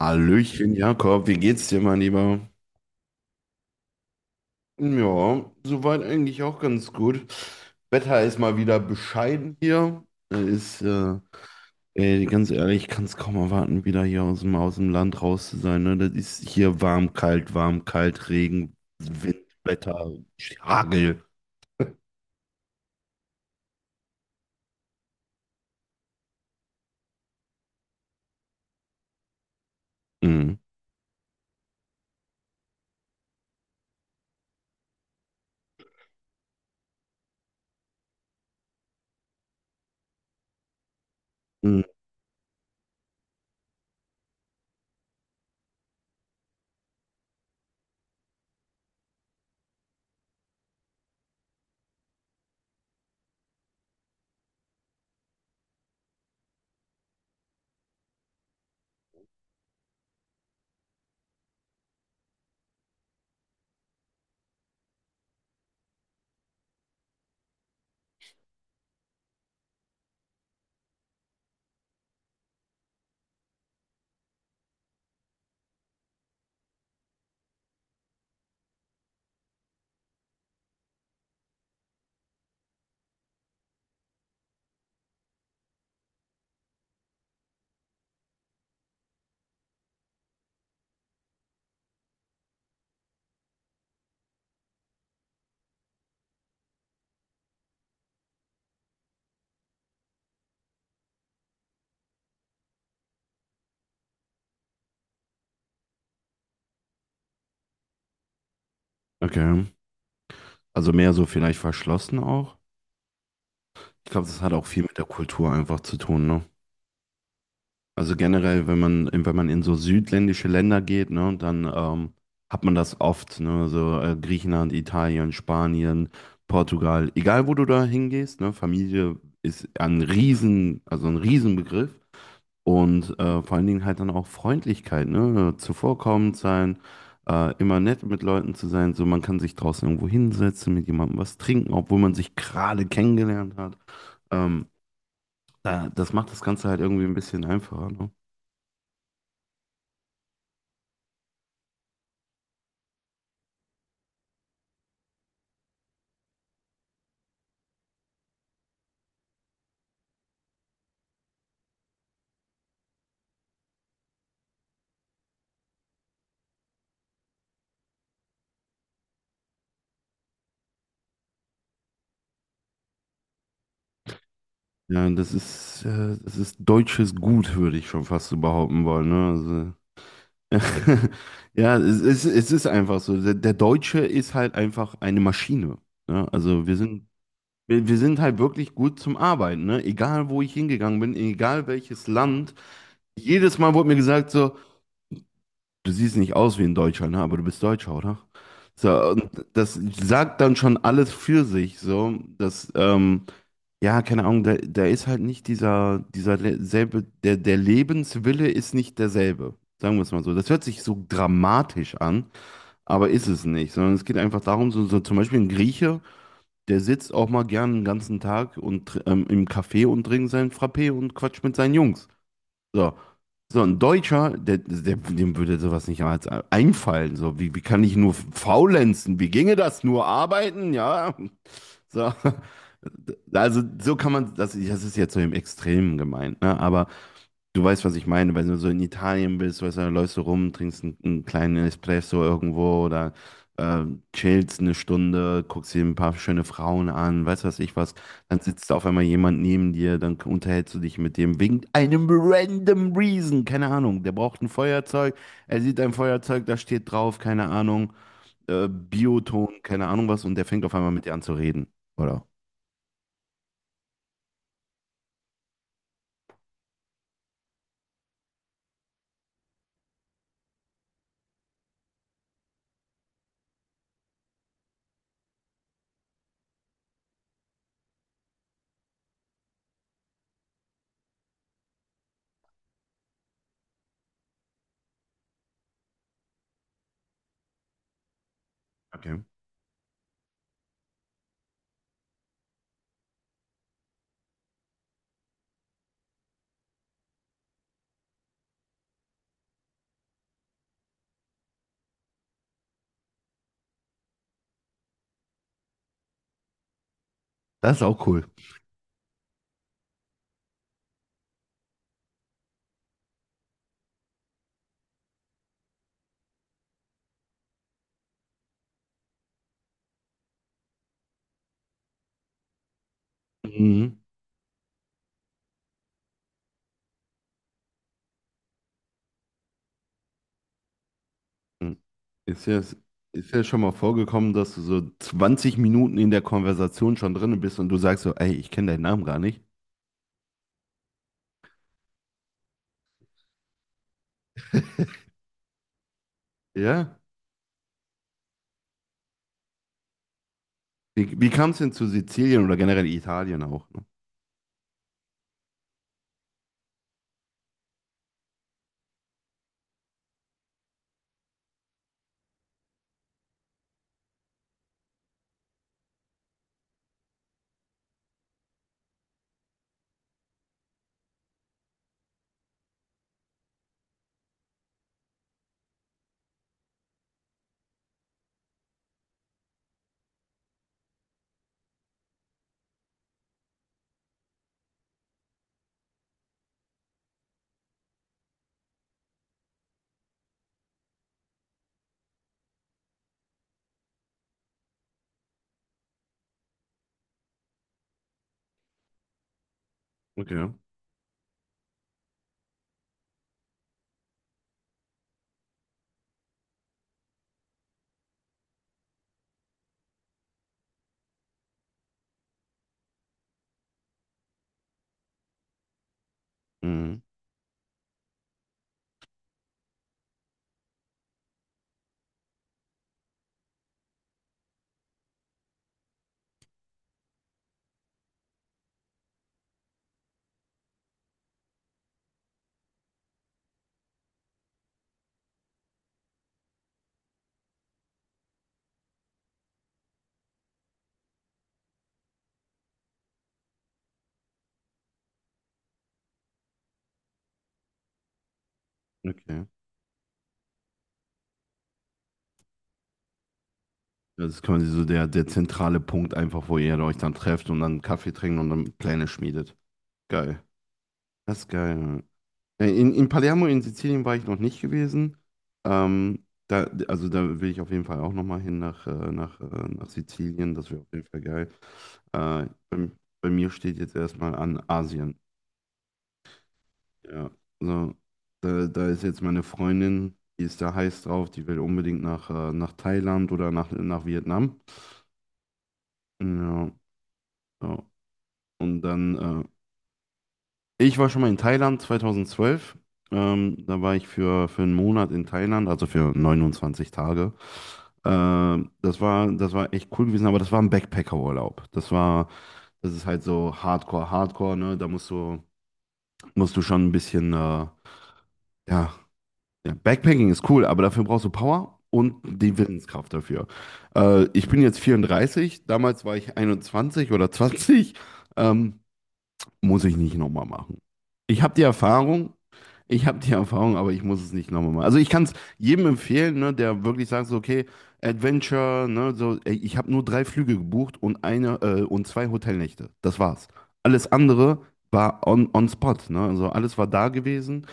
Hallöchen, Jakob, wie geht's dir, mein Lieber? Ja, soweit eigentlich auch ganz gut. Wetter ist mal wieder bescheiden hier. Äh, Ist, äh, Ey, ganz ehrlich, ich kann es kaum erwarten, wieder hier aus dem Land raus zu sein. Ne? Das ist hier warm, kalt, Regen, Wind, Wetter, Hagel. Mhm. Mhm. Okay. Also mehr so vielleicht verschlossen auch. Ich glaube, das hat auch viel mit der Kultur einfach zu tun, ne? Also generell, wenn man in so südländische Länder geht, ne, dann hat man das oft, ne, so Griechenland, Italien, Spanien, Portugal, egal wo du da hingehst, ne, Familie ist also ein Riesenbegriff, und vor allen Dingen halt dann auch Freundlichkeit, ne, zuvorkommend sein, immer nett mit Leuten zu sein, so man kann sich draußen irgendwo hinsetzen, mit jemandem was trinken, obwohl man sich gerade kennengelernt hat. Ähm, Das macht das Ganze halt irgendwie ein bisschen einfacher, ne? Ja, das ist deutsches Gut, würde ich schon fast so behaupten wollen, ne? Also, ja, es ist einfach so. Der Deutsche ist halt einfach eine Maschine. Ne? Also wir sind halt wirklich gut zum Arbeiten, ne? Egal wo ich hingegangen bin, egal welches Land. Jedes Mal wurde mir gesagt so: du siehst nicht aus wie ein Deutscher, ne? Aber du bist Deutscher, oder? So, und das sagt dann schon alles für sich, so, dass, ja, keine Ahnung, da ist halt nicht dieser selbe, der Lebenswille ist nicht derselbe. Sagen wir es mal so. Das hört sich so dramatisch an, aber ist es nicht, sondern es geht einfach darum, so, so zum Beispiel ein Grieche, der sitzt auch mal gern den ganzen Tag und im Café und trinkt seinen Frappé und quatscht mit seinen Jungs. So, so ein Deutscher, dem würde sowas nicht als einfallen. So, wie kann ich nur faulenzen? Wie ginge das? Nur arbeiten? Ja. So. Also so kann man, das ist jetzt so im Extremen gemeint, ne? Aber du weißt, was ich meine, wenn du so in Italien bist, weißt du, dann läufst du rum, trinkst einen kleinen Espresso irgendwo oder äh, chillst 1 Stunde, guckst dir ein paar schöne Frauen an, weißt du, was ich was, dann sitzt auf einmal jemand neben dir, dann unterhältst du dich mit dem wegen einem random Reason, keine Ahnung, der braucht ein Feuerzeug, er sieht ein Feuerzeug, da steht drauf, keine Ahnung, Bioton, keine Ahnung was, und der fängt auf einmal mit dir an zu reden. Oder. Okay. Das ist auch cool. Mhm. Ist ja schon mal vorgekommen, dass du so 20 Minuten in der Konversation schon drin bist und du sagst so, ey, ich kenne deinen Namen gar nicht. Ja. Wie kam es denn zu Sizilien oder generell Italien auch? Ne? Okay. Mhm. Okay. Das ist quasi so der zentrale Punkt einfach, wo ihr euch dann trefft und dann Kaffee trinkt und dann Pläne schmiedet. Geil. Das ist geil. In Palermo in Sizilien war ich noch nicht gewesen. Also da will ich auf jeden Fall auch nochmal hin nach Sizilien. Das wäre auf jeden Fall geil. Äh, bei, bei mir steht jetzt erstmal an Asien. Ja, also da ist jetzt meine Freundin, die ist da heiß drauf, die will unbedingt nach Thailand oder nach Vietnam. Ja, ja. Und dann ich war schon mal in Thailand 2012. Da war ich für 1 Monat in Thailand, also für 29 Tage. Das war echt cool gewesen, aber das war ein Backpacker-Urlaub. Das war, das ist halt so Hardcore, Hardcore, ne? Da musst du schon ein bisschen, ja, ja, Backpacking ist cool, aber dafür brauchst du Power und die Willenskraft dafür. Ich bin jetzt 34. Damals war ich 21 oder 20. Ähm, Muss ich nicht nochmal machen. Ich habe die Erfahrung, ich habe die Erfahrung, aber ich muss es nicht nochmal machen. Also ich kann es jedem empfehlen, ne, der wirklich sagt, so, okay, Adventure, ne, so, ey, ich habe nur drei Flüge gebucht und zwei Hotelnächte. Das war's. Alles andere war on spot, ne? Also alles war da gewesen,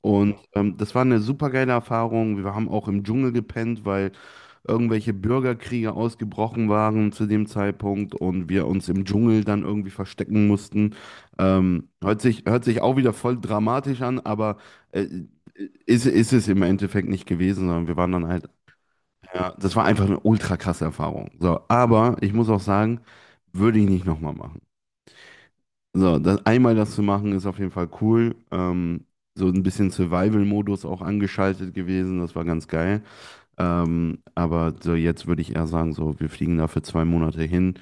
und das war eine super geile Erfahrung. Wir haben auch im Dschungel gepennt, weil irgendwelche Bürgerkriege ausgebrochen waren zu dem Zeitpunkt und wir uns im Dschungel dann irgendwie verstecken mussten. Hört sich auch wieder voll dramatisch an, aber äh, ist es im Endeffekt nicht gewesen, sondern wir waren dann halt, ja, das war einfach eine ultra krasse Erfahrung. So, aber ich muss auch sagen, würde ich nicht nochmal machen. So, einmal das zu machen ist auf jeden Fall cool. So ein bisschen Survival-Modus auch angeschaltet gewesen, das war ganz geil. Aber so jetzt würde ich eher sagen, so, wir fliegen da für 2 Monate hin,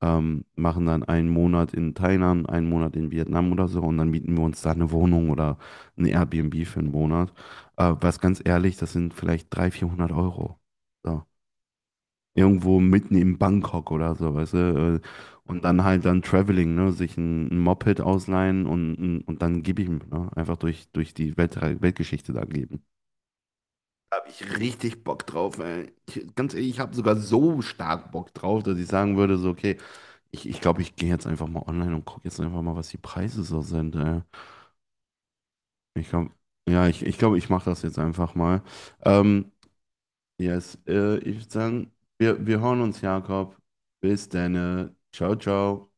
machen dann 1 Monat in Thailand, 1 Monat in Vietnam oder so, und dann mieten wir uns da eine Wohnung oder ein Airbnb für 1 Monat. Was ganz ehrlich, das sind vielleicht 300, 400 Euro. So. Irgendwo mitten in Bangkok oder so, weißt du? Und dann halt dann Traveling, ne? Sich ein Moped ausleihen und dann gib ihm, ne? Einfach durch die Welt, Weltgeschichte da geben. Habe ich richtig Bock drauf, ey. Ich, ganz ehrlich, ich habe sogar so stark Bock drauf, dass ich sagen würde, so, okay, ich glaube, ich gehe jetzt einfach mal online und gucke jetzt einfach mal, was die Preise so sind, ey. Ich glaube, ja, ich glaube, ich mache das jetzt einfach mal. Ähm, yes, ich würde sagen, wir hören uns, Jakob. Bis dann. Ciao, ciao.